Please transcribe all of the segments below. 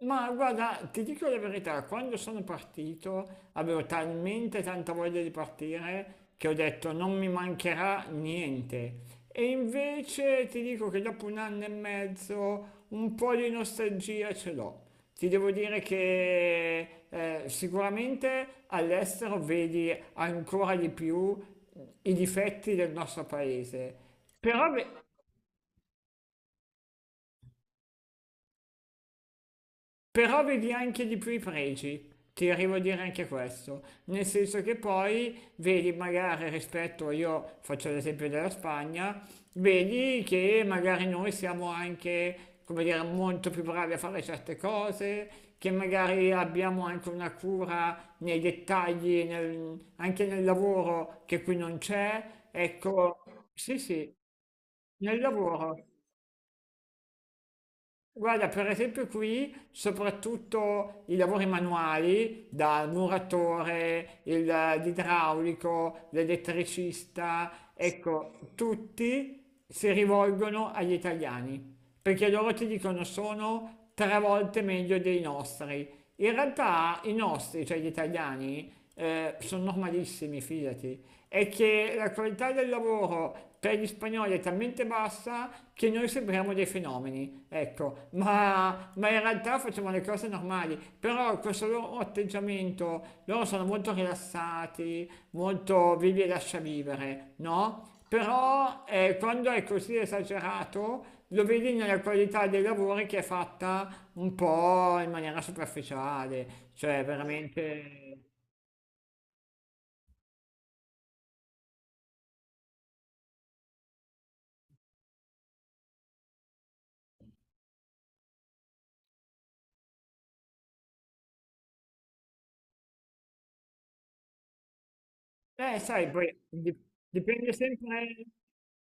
Ma guarda, ti dico la verità, quando sono partito avevo talmente tanta voglia di partire che ho detto non mi mancherà niente. E invece ti dico che dopo un anno e mezzo un po' di nostalgia ce l'ho. Ti devo dire che sicuramente all'estero vedi ancora di più i difetti del nostro paese. Però, ve- Però vedi anche di più i pregi, ti arrivo a dire anche questo, nel senso che poi vedi magari rispetto, io faccio l'esempio della Spagna, vedi che magari noi siamo anche, come dire, molto più bravi a fare certe cose, che magari abbiamo anche una cura nei dettagli, anche nel lavoro che qui non c'è, ecco, sì sì, nel lavoro. Guarda, per esempio qui soprattutto i lavori manuali, dal muratore, l'idraulico, l'elettricista, ecco, tutti si rivolgono agli italiani, perché loro ti dicono sono tre volte meglio dei nostri. In realtà i nostri, cioè gli italiani, sono normalissimi, fidati, è che la qualità del lavoro per gli spagnoli è talmente bassa che noi sembriamo dei fenomeni, ecco, ma in realtà facciamo le cose normali, però questo loro atteggiamento, loro sono molto rilassati, molto vivi e lascia vivere, no? Però quando è così esagerato lo vedi nella qualità dei lavori che è fatta un po' in maniera superficiale, cioè veramente. Sai, dipende sempre.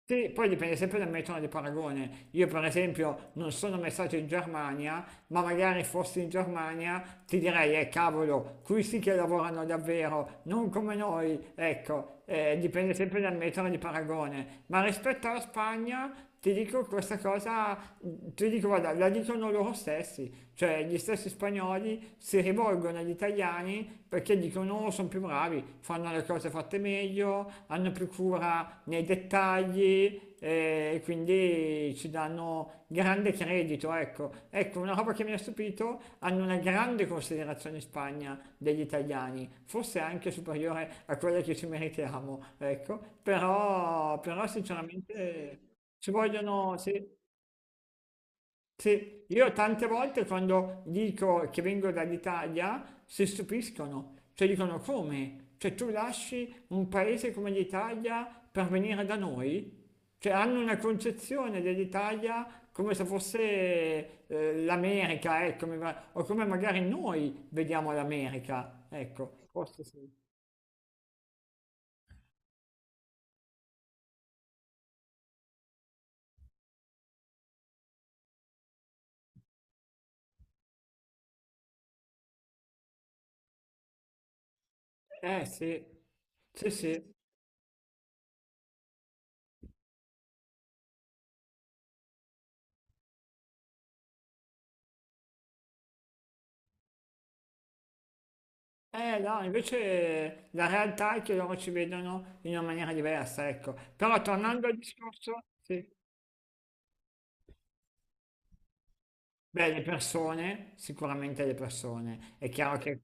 Sì, poi dipende sempre dal metodo di paragone. Io per esempio non sono mai stato in Germania, ma magari fossi in Germania ti direi, cavolo, qui sì che lavorano davvero, non come noi, ecco, dipende sempre dal metodo di paragone. Ma rispetto alla Spagna ti dico questa cosa, ti dico, guarda, la dicono loro stessi, cioè gli stessi spagnoli si rivolgono agli italiani perché dicono oh, sono più bravi, fanno le cose fatte meglio, hanno più cura nei dettagli e quindi ci danno grande credito. Ecco. Ecco, una roba che mi ha stupito, hanno una grande considerazione in Spagna degli italiani, forse anche superiore a quella che ci meritiamo, ecco. Però sinceramente ci vogliono... sì. Sì, io tante volte quando dico che vengo dall'Italia si stupiscono, cioè dicono come? Cioè tu lasci un paese come l'Italia per venire da noi? Cioè hanno una concezione dell'Italia come se fosse l'America, ecco, o come magari noi vediamo l'America, ecco, forse sì. Eh sì, sì sì. Eh no, invece la realtà è che loro ci vedono in una maniera diversa, ecco. Però tornando al discorso, sì, beh, le persone, sicuramente le persone. È chiaro che...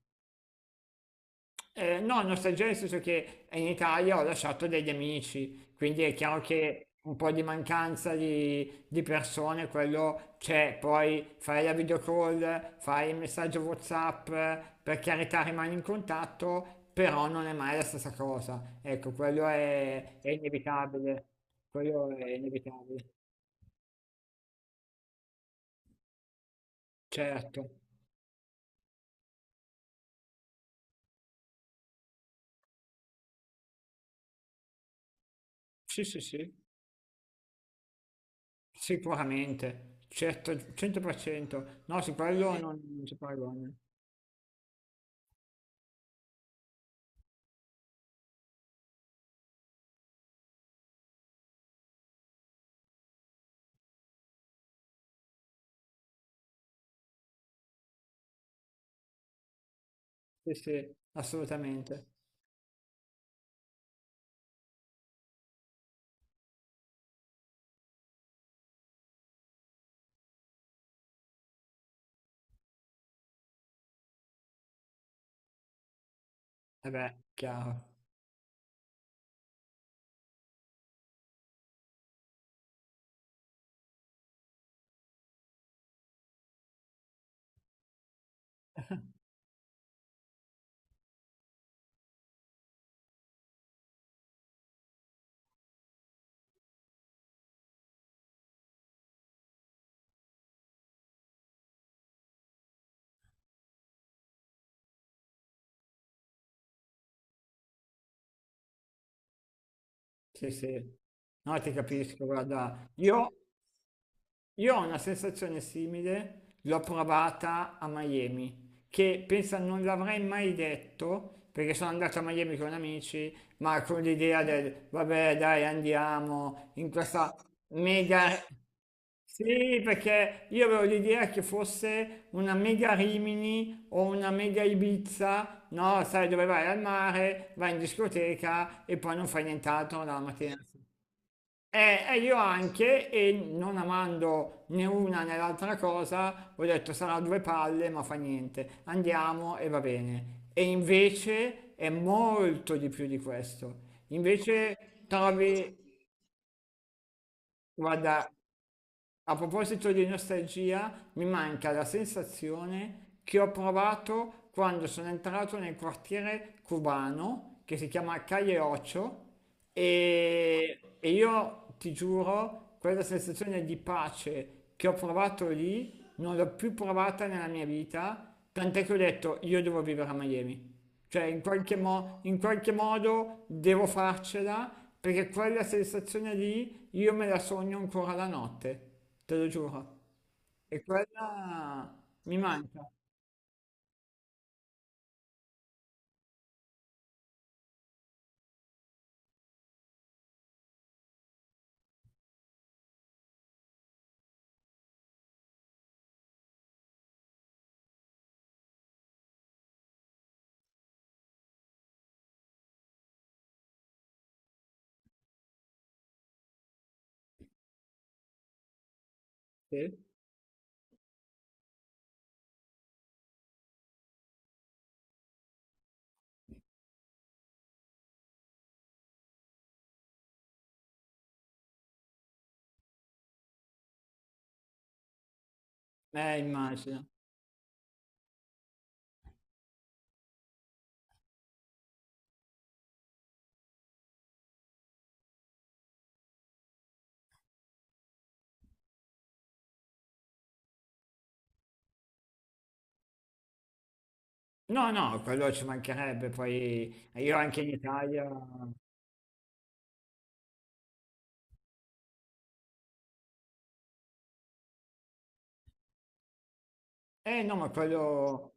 No, nostalgia nel senso che in Italia ho lasciato degli amici, quindi è chiaro che un po' di mancanza di persone, quello c'è, poi fai la video call, fai il messaggio WhatsApp, per carità rimani in contatto, però non è mai la stessa cosa. Ecco, è inevitabile, quello è inevitabile, certo. Sì, sì, sì, sicuramente, certo, 100%, no, su quello non, non si paragona. Sì, sì, assolutamente. Eh beh, chiaro. Sì, sì. No, ti capisco, guarda, io. Io ho una sensazione simile, l'ho provata a Miami, che pensa non l'avrei mai detto, perché sono andato a Miami con amici, ma con l'idea del vabbè dai andiamo in questa mega... Sì, perché io avevo l'idea che fosse una mega Rimini o una mega Ibiza, no? Sai dove vai al mare, vai in discoteca e poi non fai nient'altro dalla mattina alla sera. Io anche, e non amando né una né l'altra cosa, ho detto sarà due palle, ma fa niente, andiamo e va bene. E invece è molto di più di questo. Invece trovi, guarda, a proposito di nostalgia, mi manca la sensazione che ho provato quando sono entrato nel quartiere cubano che si chiama Calle Ocho e io ti giuro, quella sensazione di pace che ho provato lì non l'ho più provata nella mia vita, tant'è che ho detto io devo vivere a Miami. Cioè, in qualche modo devo farcela perché quella sensazione lì io me la sogno ancora la notte, te lo giuro. E quella mi manca. Sì. Immagino. No, no, quello ci mancherebbe, poi io anche in Italia. Eh no, ma quello...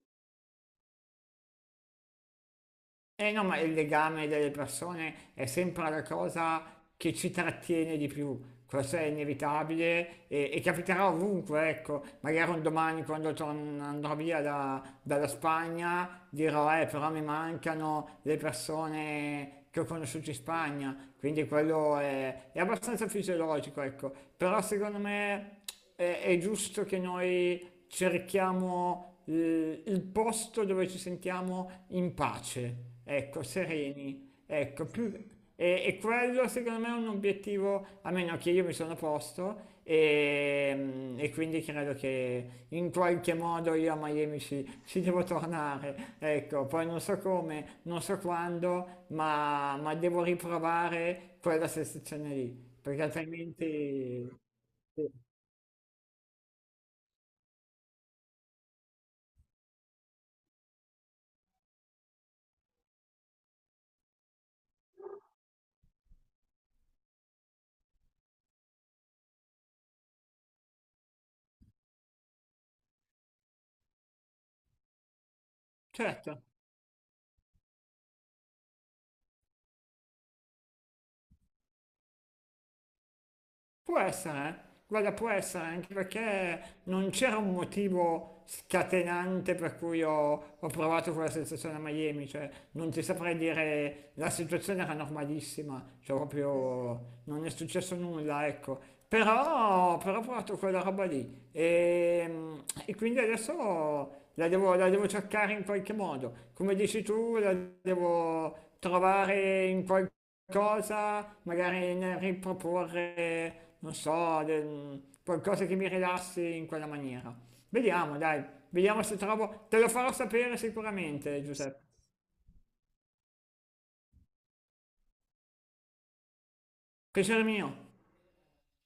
Eh no, ma il legame delle persone è sempre la cosa che ci trattiene di più, questo è inevitabile e capiterà ovunque, ecco, magari un domani quando andrò via dalla Spagna dirò, però mi mancano le persone che ho conosciuto in Spagna, quindi è abbastanza fisiologico, ecco, però secondo me è giusto che noi cerchiamo il posto dove ci sentiamo in pace, ecco, sereni, ecco, più... e quello secondo me è un obiettivo, a meno che io mi sono posto e quindi credo che in qualche modo io a Miami ci devo tornare, ecco, poi non so come, non so quando, ma devo riprovare quella sensazione lì, perché altrimenti... Sì. Certo. Può essere, eh. Guarda, può essere anche perché non c'era un motivo scatenante per cui ho provato quella sensazione a Miami, cioè non ti saprei dire la situazione era normalissima, cioè proprio non è successo nulla, ecco. Però ho provato quella roba lì e quindi adesso la devo cercare in qualche modo, come dici tu, la devo trovare in qualche cosa, magari nel riproporre, non so, qualcosa che mi rilassi in quella maniera. Vediamo, dai, vediamo se trovo, te lo farò sapere sicuramente, Giuseppe. Piacere mio.